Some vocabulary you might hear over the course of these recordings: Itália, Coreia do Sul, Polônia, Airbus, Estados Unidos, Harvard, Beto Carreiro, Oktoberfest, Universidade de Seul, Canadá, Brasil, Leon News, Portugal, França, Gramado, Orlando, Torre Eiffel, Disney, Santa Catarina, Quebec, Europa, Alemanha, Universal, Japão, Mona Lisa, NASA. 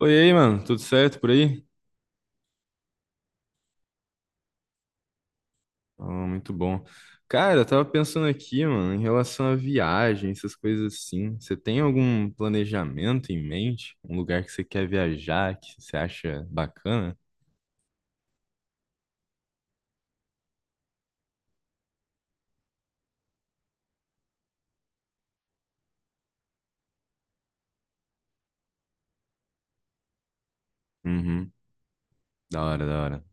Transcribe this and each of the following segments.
Oi, e aí, mano, tudo certo por aí? Ah, muito bom. Cara, eu tava pensando aqui, mano, em relação a viagem, essas coisas assim. Você tem algum planejamento em mente? Um lugar que você quer viajar, que você acha bacana? Uhum. Da hora, da hora.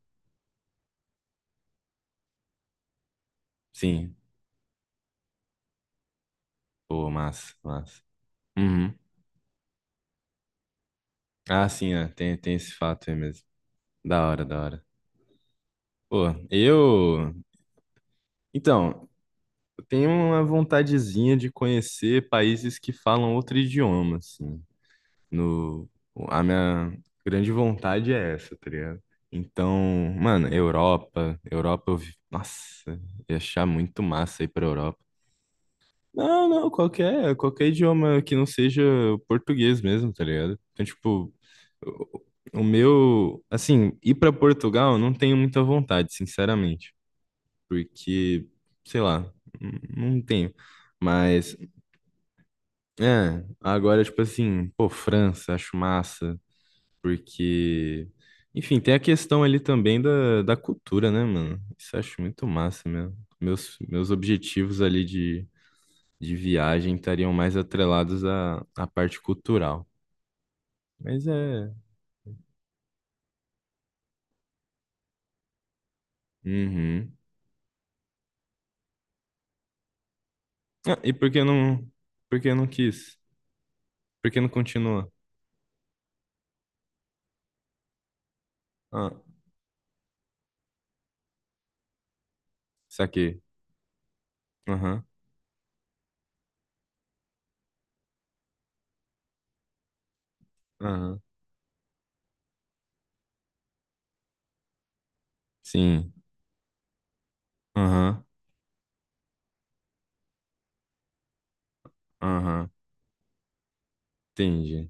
Sim. Pô, massa, massa. Uhum. Ah, sim, é. Tem, tem esse fato aí mesmo. Da hora, da hora. Pô, eu. Então, eu tenho uma vontadezinha de conhecer países que falam outro idioma, assim. No, a minha grande vontade é essa, tá ligado? Então, mano, Europa, eu vi, nossa, ia achar muito massa ir pra Europa. Não, não, qualquer idioma que não seja o português mesmo, tá ligado? Então, tipo, o o meu, assim, ir pra Portugal eu não tenho muita vontade, sinceramente, porque, sei lá, não tenho. Mas, é, agora, tipo assim, pô, França, acho massa. Porque, enfim, tem a questão ali também da cultura, né, mano? Isso eu acho muito massa mesmo. Meus objetivos ali de viagem estariam mais atrelados à, à parte cultural. Mas é. Uhum. Ah, e por que não quis? Por que não continua? Ah, saquei. Aham, aham. Sim. Aham, aham. Entendi.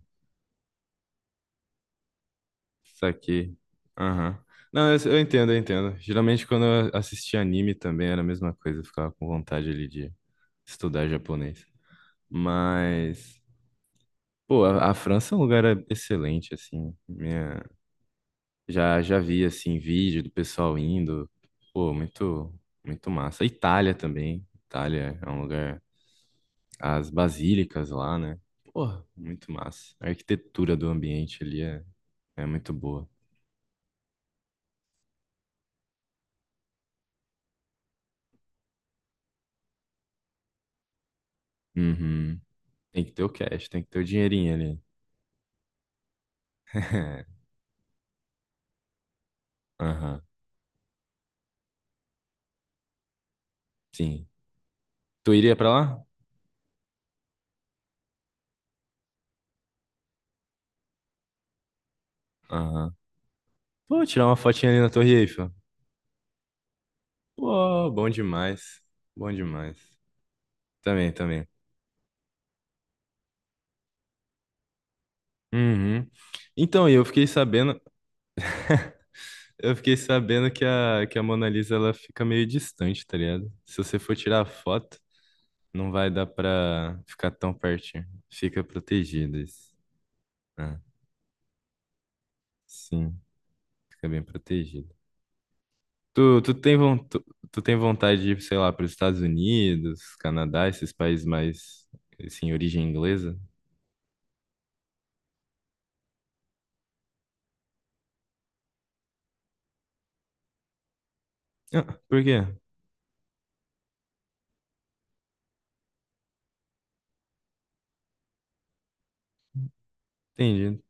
Saquei. Aham. Não, eu entendo, eu entendo. Geralmente quando eu assistia anime também era a mesma coisa, eu ficava com vontade ali de estudar japonês. Mas, pô, a França é um lugar excelente, assim. Minha, já, já vi, assim, vídeo do pessoal indo. Pô, muito, muito massa. Itália também. Itália é um lugar. As basílicas lá, né? Pô, muito massa. A arquitetura do ambiente ali é, é muito boa. Uhum. Tem que ter o cash, tem que ter o dinheirinho ali. Aham, sim. Tu iria pra lá? Aham. Pô, tirar uma fotinha ali na Torre Eiffel. Pô, bom demais. Bom demais. Também, também. Uhum. Então, e eu fiquei sabendo que a Mona Lisa ela fica meio distante, tá ligado? Se você for tirar a foto, não vai dar pra ficar tão pertinho. Fica protegido isso. Ah, sim, fica bem protegido. Tu, tu tem vontade de ir, sei lá, para os Estados Unidos, Canadá, esses países mais, assim, origem inglesa? Ah, por quê? Entendi,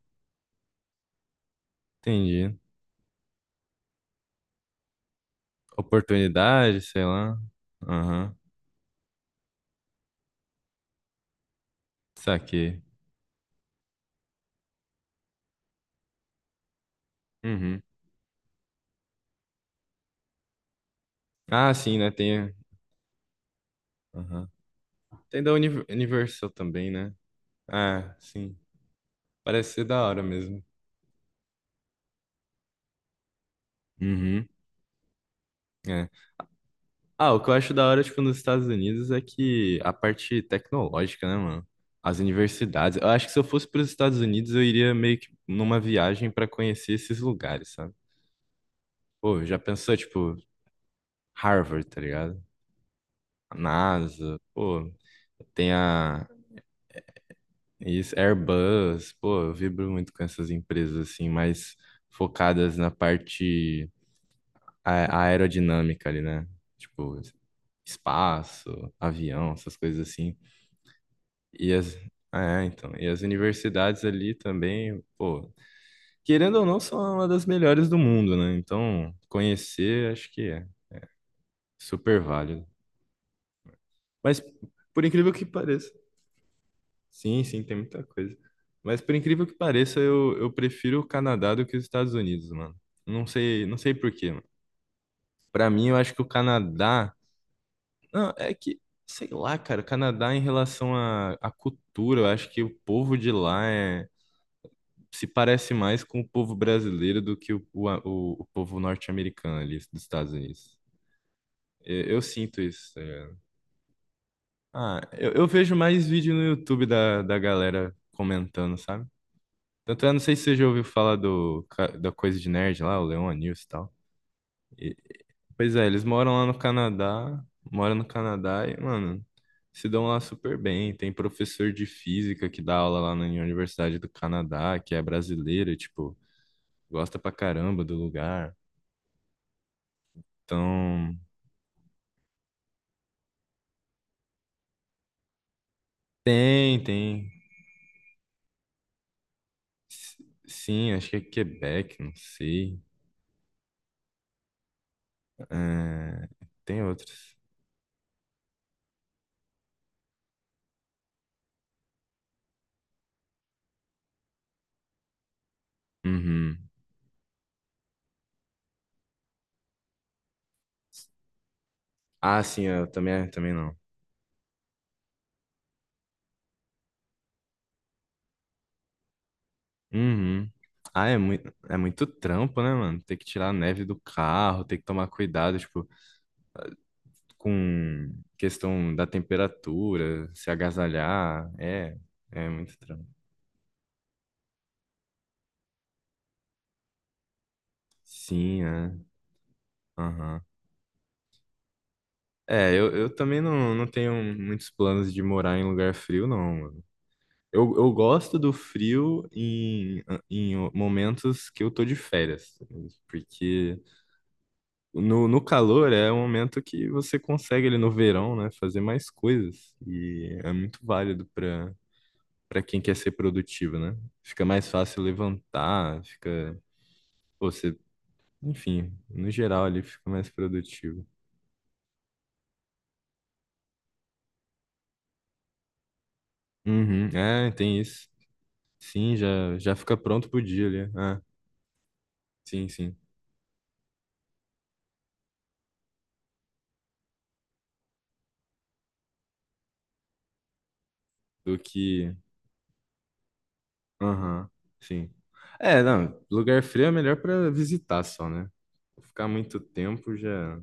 entendi. Oportunidade, sei lá. Aham, saquei. Uhum. Ah, sim, né? Tem, aham. Tem da Universal também, né? Ah, sim. Parece ser da hora mesmo. Uhum. É. Ah, o que eu acho da hora, tipo, nos Estados Unidos é que a parte tecnológica, né, mano? As universidades. Eu acho que se eu fosse para os Estados Unidos, eu iria meio que numa viagem para conhecer esses lugares, sabe? Pô, já pensou, tipo, Harvard, tá ligado? A NASA, pô, tem a isso, Airbus, pô, eu vibro muito com essas empresas, assim, mais focadas na parte aerodinâmica ali, né? Tipo, espaço, avião, essas coisas assim. E as, é, então, e as universidades ali também, pô, querendo ou não, são uma das melhores do mundo, né? Então, conhecer, acho que é super válido. Mas, por incrível que pareça, sim, sim, tem muita coisa. Mas, por incrível que pareça, eu prefiro o Canadá do que os Estados Unidos, mano. Não sei, não sei por quê, mano. Pra mim, eu acho que o Canadá. Não, é que, sei lá, cara, o Canadá em relação à à cultura, eu acho que o povo de lá é se parece mais com o povo brasileiro do que o povo norte-americano ali dos Estados Unidos. Eu sinto isso. Tá ligado? Ah, eu vejo mais vídeo no YouTube da galera comentando, sabe? Tanto é, não sei se você já ouviu falar do, da coisa de nerd lá, o Leon News e tal. E- pois é, eles moram lá no Canadá, moram no Canadá e, mano, se dão lá super bem. Tem professor de física que dá aula lá na Universidade do Canadá, que é brasileiro, e, tipo, gosta pra caramba do lugar. Então, tem, tem. S- Sim, acho que é Quebec, não sei. É, tem outros. Uhum. Ah, sim, eu também, é, também não. Uhum. Ah, é muito trampo, né, mano? Ter que tirar a neve do carro, ter que tomar cuidado, tipo, com questão da temperatura, se agasalhar. É, é muito trampo. Sim, é. Aham. É, eu também não, não tenho muitos planos de morar em lugar frio, não. Eu gosto do frio em, em momentos que eu tô de férias, porque no, no calor é um momento que você consegue ali no verão, né, fazer mais coisas e é muito válido para para quem quer ser produtivo, né? Fica mais fácil levantar, fica pô, você, enfim, no geral ali fica mais produtivo. Uhum, é, tem isso. Sim, já já fica pronto pro dia ali. Ah, sim, sim. Do que Aham, sim. É, não, lugar frio é melhor pra visitar só, né? Ficar muito tempo já,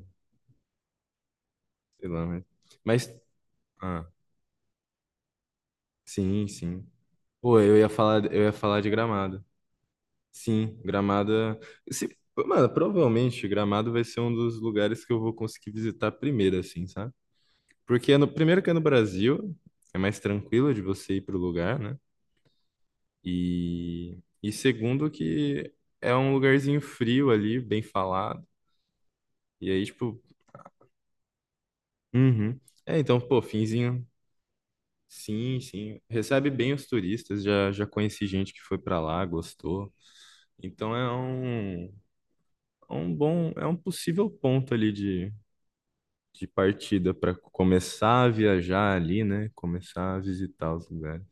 sei lá, mas ah, sim, sim. Pô, eu ia falar de Gramado. Sim, Gramado, é, se, mano, provavelmente Gramado vai ser um dos lugares que eu vou conseguir visitar primeiro, assim, sabe? Porque é no, primeiro que é no Brasil, é mais tranquilo de você ir pro lugar, né? E segundo que é um lugarzinho frio ali, bem falado. E aí, tipo, Uhum. É, então, pô, Finzinho, sim, sim, recebe bem os turistas, já, já conheci gente que foi pra lá, gostou. Então é um bom, é um possível ponto ali de partida para começar a viajar ali, né? Começar a visitar os lugares.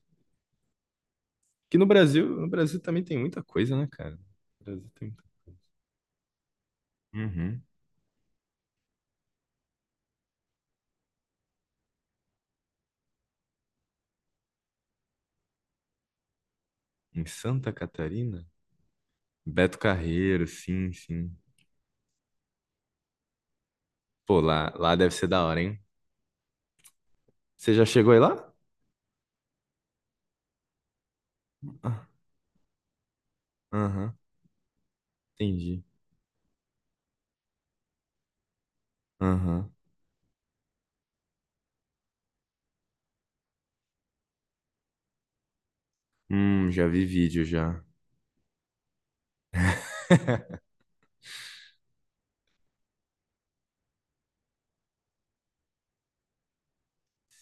Que no Brasil, no Brasil também tem muita coisa, né, cara? No Brasil tem muita coisa. Uhum. Em Santa Catarina? Beto Carreiro, sim, sim. Pô, lá, lá deve ser da hora, hein? Você já chegou aí lá? Ah, Aham, entendi. Aham. Já vi vídeo já.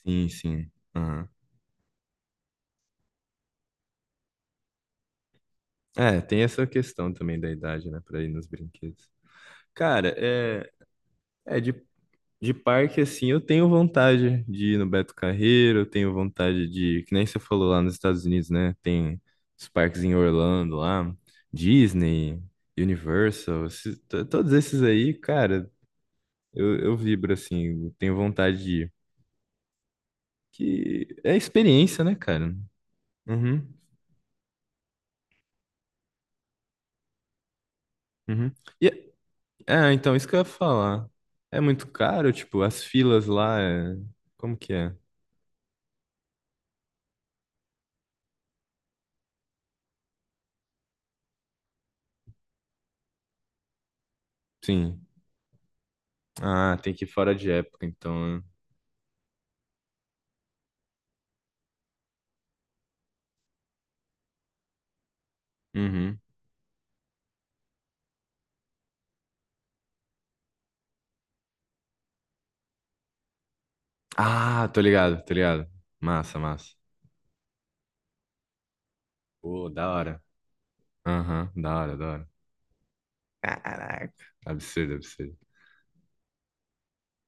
Sim, sim. Aham. É, tem essa questão também da idade, né, pra ir nos brinquedos. Cara, é, é de parque, assim, eu tenho vontade de ir no Beto Carreiro, eu tenho vontade de, que nem você falou lá nos Estados Unidos, né, tem os parques em Orlando lá, Disney, Universal, todos esses aí, cara, eu vibro, assim, eu tenho vontade de ir. Que é experiência, né, cara? Uhum, uhum. É, então, isso que eu ia falar. É muito caro, tipo, as filas lá é... Como que é? Sim. Ah, tem que ir fora de época, então. Né? Uhum. Ah, tô ligado, tô ligado. Massa, massa. Pô, da hora. Aham, da hora, da hora. Caraca. Absurdo, absurdo.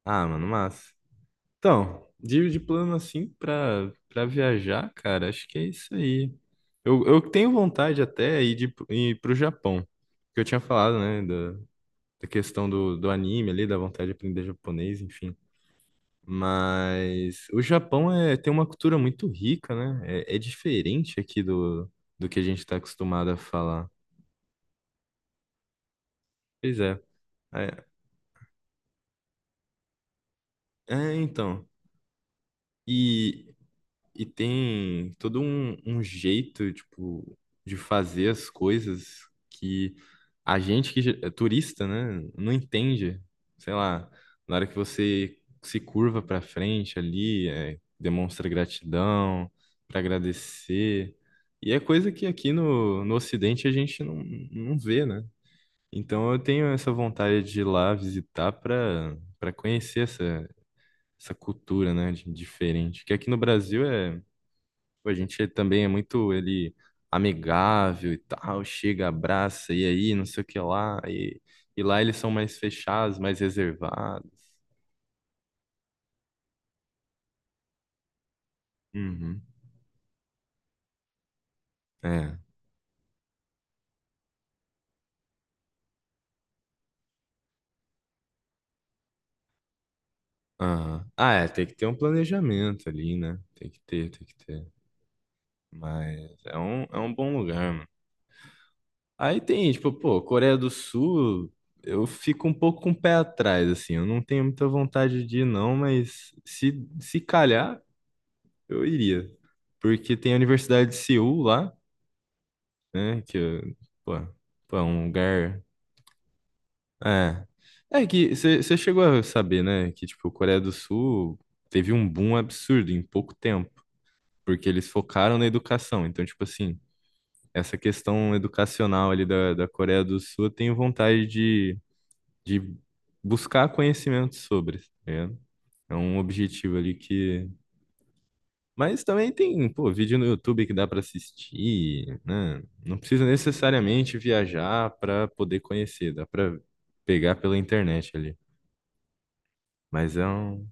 Ah, mano, massa. Então, de plano assim pra, pra viajar, cara, acho que é isso aí. Eu tenho vontade até ir, de, ir pro Japão. Que eu tinha falado, né? Da questão do, do anime ali, da vontade de aprender japonês, enfim. Mas o Japão é, tem uma cultura muito rica, né? É, é diferente aqui do, do que a gente está acostumado a falar. Pois é. É, é, então. E e tem todo um, um jeito, tipo, de fazer as coisas que a gente é turista, né, não entende. Sei lá, na hora que você se curva pra frente ali, é, demonstra gratidão pra agradecer. E é coisa que aqui no, no Ocidente a gente não, não vê, né? Então eu tenho essa vontade de ir lá visitar pra para conhecer essa, essa cultura, né, diferente. Que aqui no Brasil é Pô, a gente também é muito ele amigável e tal, chega, abraça, e aí, não sei o que lá. E lá eles são mais fechados, mais reservados. Uhum. É. Aham. Ah, é, tem que ter um planejamento ali, né? Tem que ter, tem que ter. Mas é um bom lugar, mano. Aí tem, tipo, pô, Coreia do Sul, eu fico um pouco com o pé atrás, assim. Eu não tenho muita vontade de ir, não, mas se calhar, eu iria. Porque tem a Universidade de Seul lá. Né? Pô, pô, é um lugar. É. É que você chegou a saber, né? Que, tipo, a Coreia do Sul teve um boom absurdo em pouco tempo, porque eles focaram na educação. Então, tipo assim, essa questão educacional ali da Coreia do Sul, eu tenho vontade de buscar conhecimento sobre, tá ligado? É um objetivo ali que Mas também tem, pô, vídeo no YouTube que dá para assistir, né? Não precisa necessariamente viajar para poder conhecer, dá para pegar pela internet ali. Mas é um.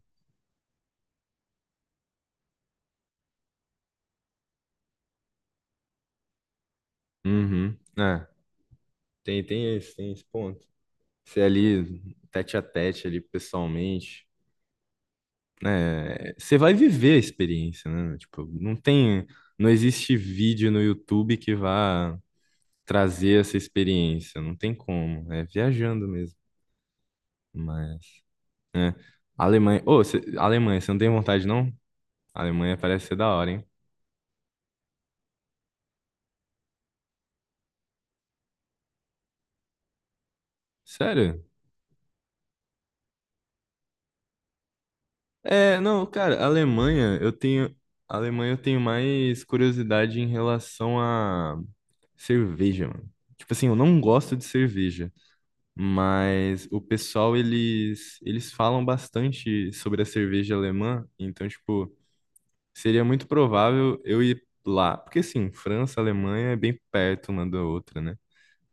Uhum. É, tem, tem esse ponto. Você ali, tete a tete ali pessoalmente, né? Você vai viver a experiência, né? Tipo, não tem. Não existe vídeo no YouTube que vá trazer essa experiência, não tem como. É viajando mesmo. Mas. Né? Alemanha. Alemanha, você não tem vontade, não? Alemanha parece ser da hora, hein? Sério? É, não, cara, Alemanha, eu tenho. Alemanha, eu tenho mais curiosidade em relação a cerveja, mano. Tipo assim, eu não gosto de cerveja, mas o pessoal, eles falam bastante sobre a cerveja alemã, então, tipo, seria muito provável eu ir lá, porque assim, França, Alemanha é bem perto uma da outra, né?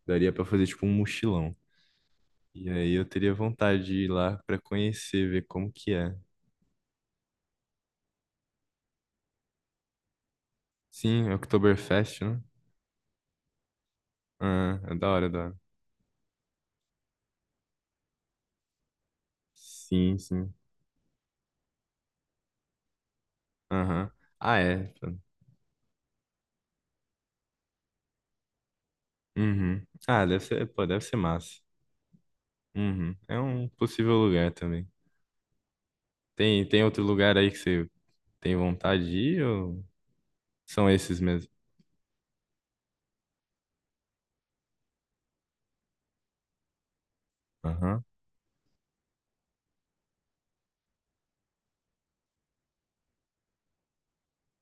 Daria pra fazer, tipo, um mochilão. E aí eu teria vontade de ir lá pra conhecer, ver como que é. Sim, é Oktoberfest, né? Ah, é da hora, é da hora. Sim, sim. Aham. Ah, é. Pô. Uhum. Ah, deve ser, pô, deve ser massa. Uhum. É um possível lugar também. Tem, tem outro lugar aí que você tem vontade de ir ou são esses mesmo? Aham.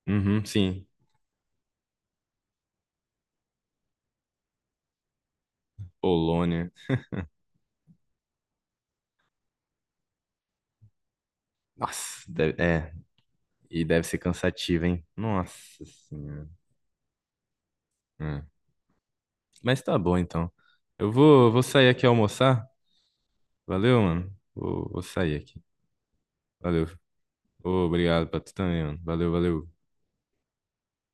Uhum, sim. Polônia. Nossa, deve- é. E deve ser cansativo, hein? Nossa senhora. É. Mas tá bom, então. Eu vou, vou sair aqui almoçar. Valeu, mano. Vou, vou sair aqui. Valeu. Ô, obrigado pra tu também, mano. Valeu, valeu.